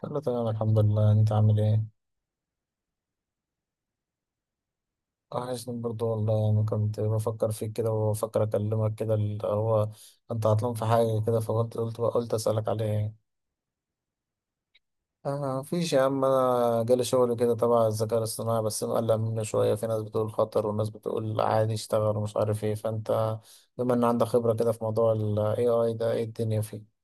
كله تمام الحمد لله، انت عامل ايه؟ وحشني برضو والله، انا كنت بفكر فيك كده وبفكر اكلمك كده اللي هو انت عطلان في حاجه كده، فقلت قلت قلت اسالك عليه. اه مفيش يا عم، انا جالي شغل كده تبع الذكاء الاصطناعي بس مقلق منه شويه، في ناس بتقول خطر وناس بتقول عادي اشتغل ومش عارف ايه، فانت بما ان عندك خبره كده في موضوع ال AI ده، ايه الدنيا فيه؟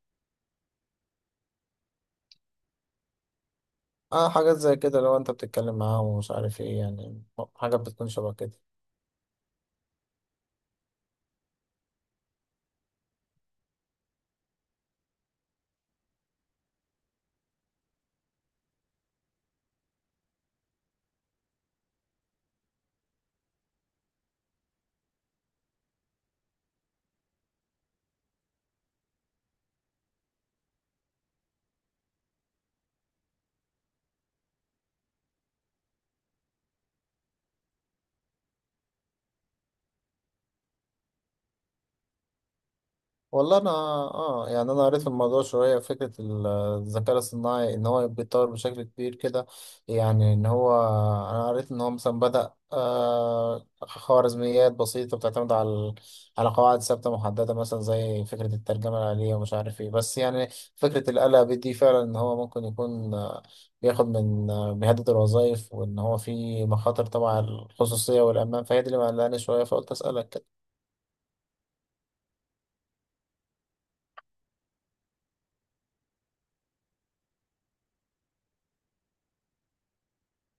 اه حاجات زي كده، لو انت بتتكلم معاهم ومش عارف ايه يعني، حاجات بتكون شبه كده. والله انا اه يعني انا قريت في الموضوع شويه، فكره الذكاء الصناعي ان هو بيتطور بشكل كبير كده، يعني ان هو انا قريت ان هو مثلا بدأ خوارزميات بسيطه بتعتمد على على قواعد ثابته محدده، مثلا زي فكره الترجمه الآلية ومش عارف ايه، بس يعني فكره الآلة دي فعلا ان هو ممكن يكون بياخد من بيهدد الوظائف، وان هو في مخاطر طبعا على الخصوصيه والامان، فهي دي اللي مقلقاني شويه فقلت اسالك كده.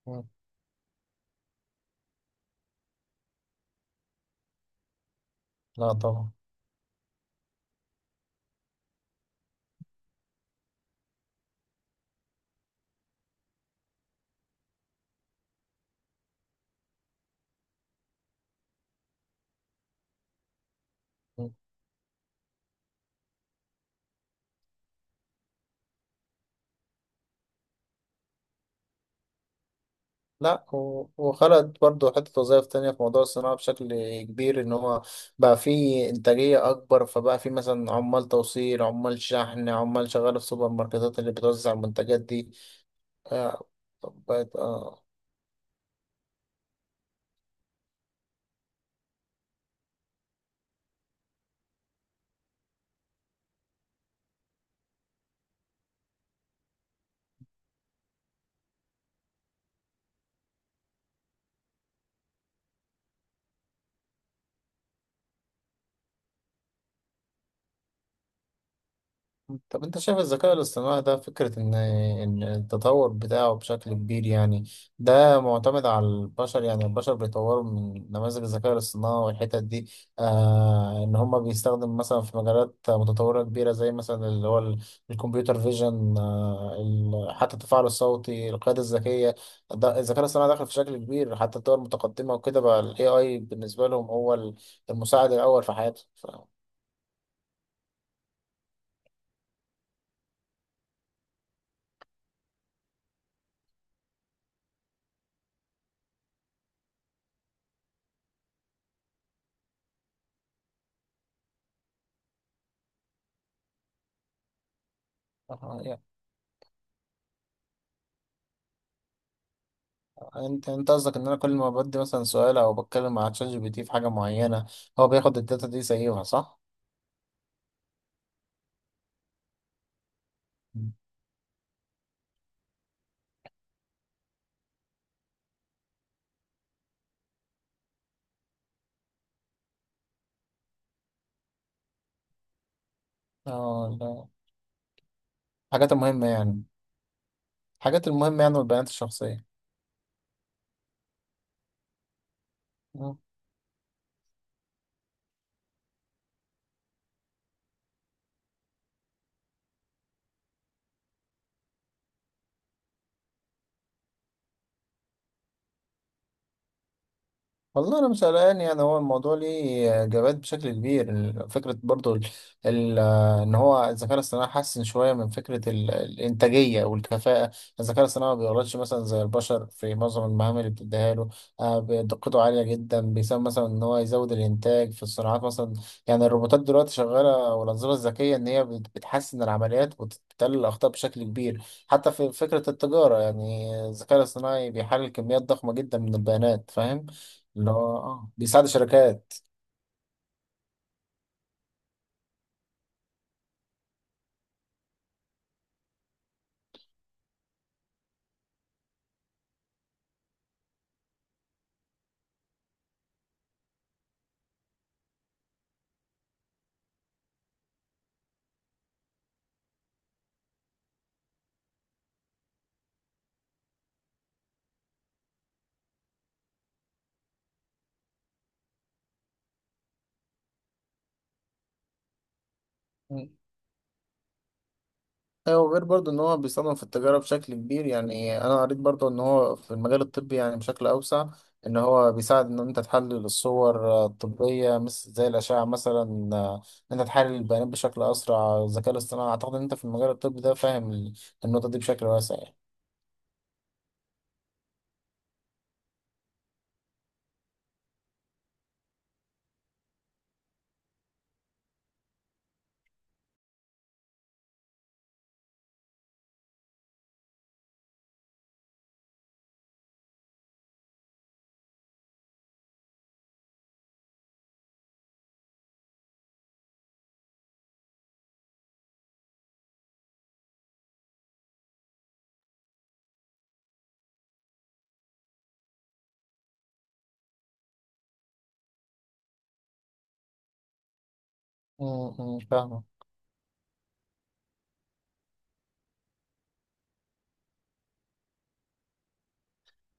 مم. لا طبعا. لا، وخلقت برضه حتة وظائف تانية في موضوع الصناعة بشكل كبير، إن هو بقى فيه إنتاجية أكبر، فبقى فيه مثلا عمال توصيل، عمال شحن، عمال شغال في سوبر ماركتات اللي بتوزع المنتجات دي. آه، بقت طب انت شايف الذكاء الاصطناعي ده، فكرة ان ان التطور بتاعه بشكل كبير يعني ده معتمد على البشر؟ يعني البشر بيطوروا من نماذج الذكاء الاصطناعي والحتت دي، آه ان هم بيستخدم مثلا في مجالات متطورة كبيرة، زي مثلا اللي هو الكمبيوتر فيجن، آه حتى التفاعل الصوتي، القيادة الذكية، ده الذكاء الاصطناعي داخل في شكل كبير حتى الدول المتقدمة وكده، بقى الاي اي بالنسبة لهم هو المساعد الاول في حياتهم ف... آه، يعني انت قصدك ان انا كل ما بدي مثلا سؤال او بتكلم مع تشات جي بي تي في حاجه معينه، هو بياخد الداتا دي يسيبها صح؟ اه لا، الحاجات المهمه يعني، الحاجات المهمه يعني والبيانات الشخصيه. والله انا مش قلقان يعني، هو الموضوع ليه اجابات بشكل كبير، فكره برضو ال ان هو الذكاء الاصطناعي حسن شويه من فكره ال الانتاجيه والكفاءه، الذكاء الاصطناعي ما بيغلطش مثلا زي البشر في معظم المهام اللي بتديها له. آه، دقته عاليه جدا، بيساهم مثلا ان هو يزود الانتاج في الصناعات مثلا، يعني الروبوتات دلوقتي شغاله والانظمه الذكيه ان هي بتحسن العمليات وبتقلل الاخطاء بشكل كبير. حتى في فكره التجاره، يعني الذكاء الاصطناعي بيحلل كميات ضخمه جدا من البيانات، فاهم؟ اللي هو اه بيساعد الشركات. مم. ايوه، غير برضو ان هو بيستخدم في التجاره بشكل كبير، يعني انا قريت برضو ان هو في المجال الطبي يعني بشكل اوسع، ان هو بيساعد ان انت تحلل الصور آه، الطبيه مثل زي الاشعه مثلا، آه، ان انت تحلل البيانات بشكل اسرع، الذكاء الاصطناعي اعتقد ان انت في المجال الطبي ده فاهم النقطه دي بشكل واسع يعني. فاهمك.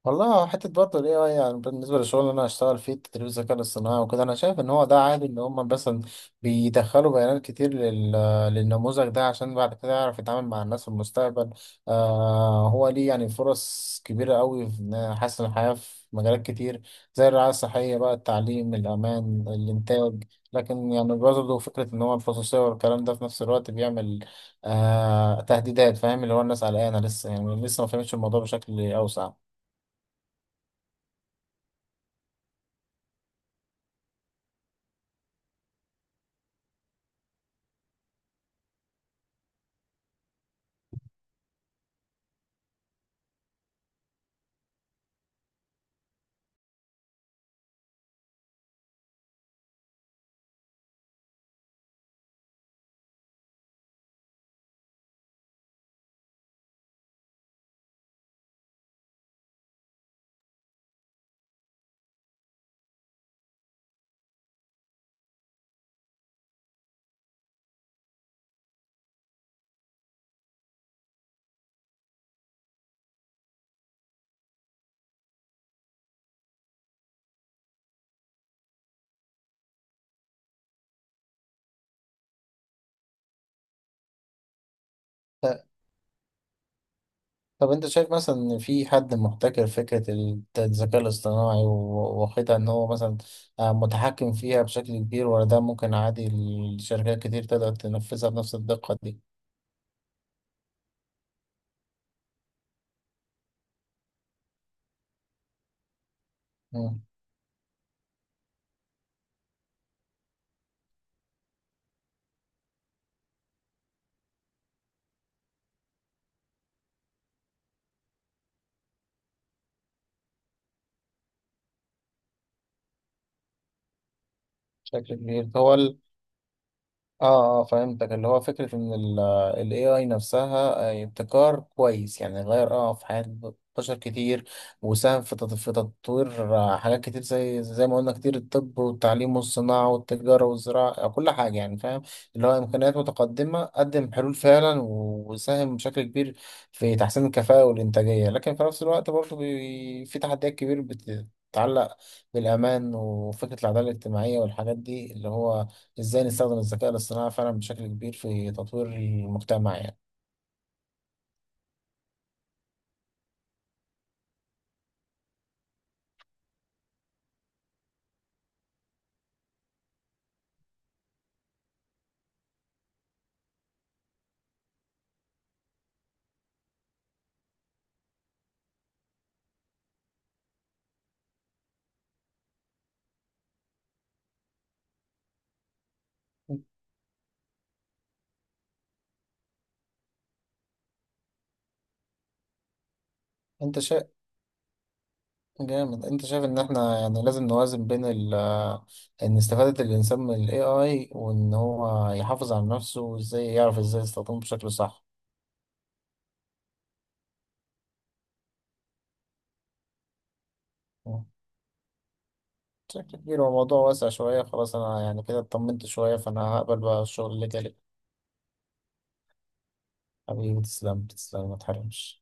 والله حتة برضه ال AI يعني بالنسبة للشغل اللي أنا هشتغل فيه تدريب الذكاء الاصطناعي وكده، أنا شايف إن هو ده عادي، إن هما مثلا بيدخلوا بيانات كتير للنموذج ده عشان بعد كده يعرف يتعامل مع الناس في المستقبل. آه هو ليه يعني فرص كبيرة أوي في إن يحسن الحياة في مجالات كتير، زي الرعاية الصحية بقى، التعليم، الأمان، الإنتاج، لكن يعني برضه فكرة إن هو الخصوصية والكلام ده في نفس الوقت بيعمل آه تهديدات، فاهم؟ اللي هو الناس قلقانة لسه، يعني لسه ما فهمتش الموضوع بشكل أوسع. طب انت شايف مثلا ان في حد محتكر فكرة الذكاء الاصطناعي واخدها ان هو مثلا آه، متحكم فيها بشكل كبير، ولا ده ممكن عادي الشركات كتير تقدر تنفذها بنفس الدقة دي؟ مم. بشكل كبير هو اه اه فهمتك، اللي هو فكرة ان ال AI نفسها آه، ابتكار كويس يعني، غير اه في حياة بشر كتير، وساهم في في تطوير آه، حاجات كتير، زي زي ما قلنا كتير، الطب والتعليم والصناعة والتجارة والزراعة آه، كل حاجة يعني، فاهم؟ اللي هو إمكانيات متقدمة، قدم حلول فعلا وساهم بشكل كبير في تحسين الكفاءة والإنتاجية، لكن في نفس الوقت برضه في تحديات كبيرة بتتعلق بالأمان وفكرة العدالة الاجتماعية والحاجات دي، اللي هو ازاي نستخدم الذكاء الاصطناعي فعلا بشكل كبير في تطوير المجتمع يعني. انت شايف جامد، انت شايف ان احنا يعني لازم نوازن بين ال ان استفادة الانسان من ال AI وان هو يحافظ على نفسه وازاي يعرف ازاي يستخدمه بشكل صح. بشكل كبير هو موضوع واسع شوية، خلاص انا يعني كده اطمنت شوية، فانا هقبل بقى الشغل اللي جالي. حبيبي تسلم، تسلم ما تحرمش.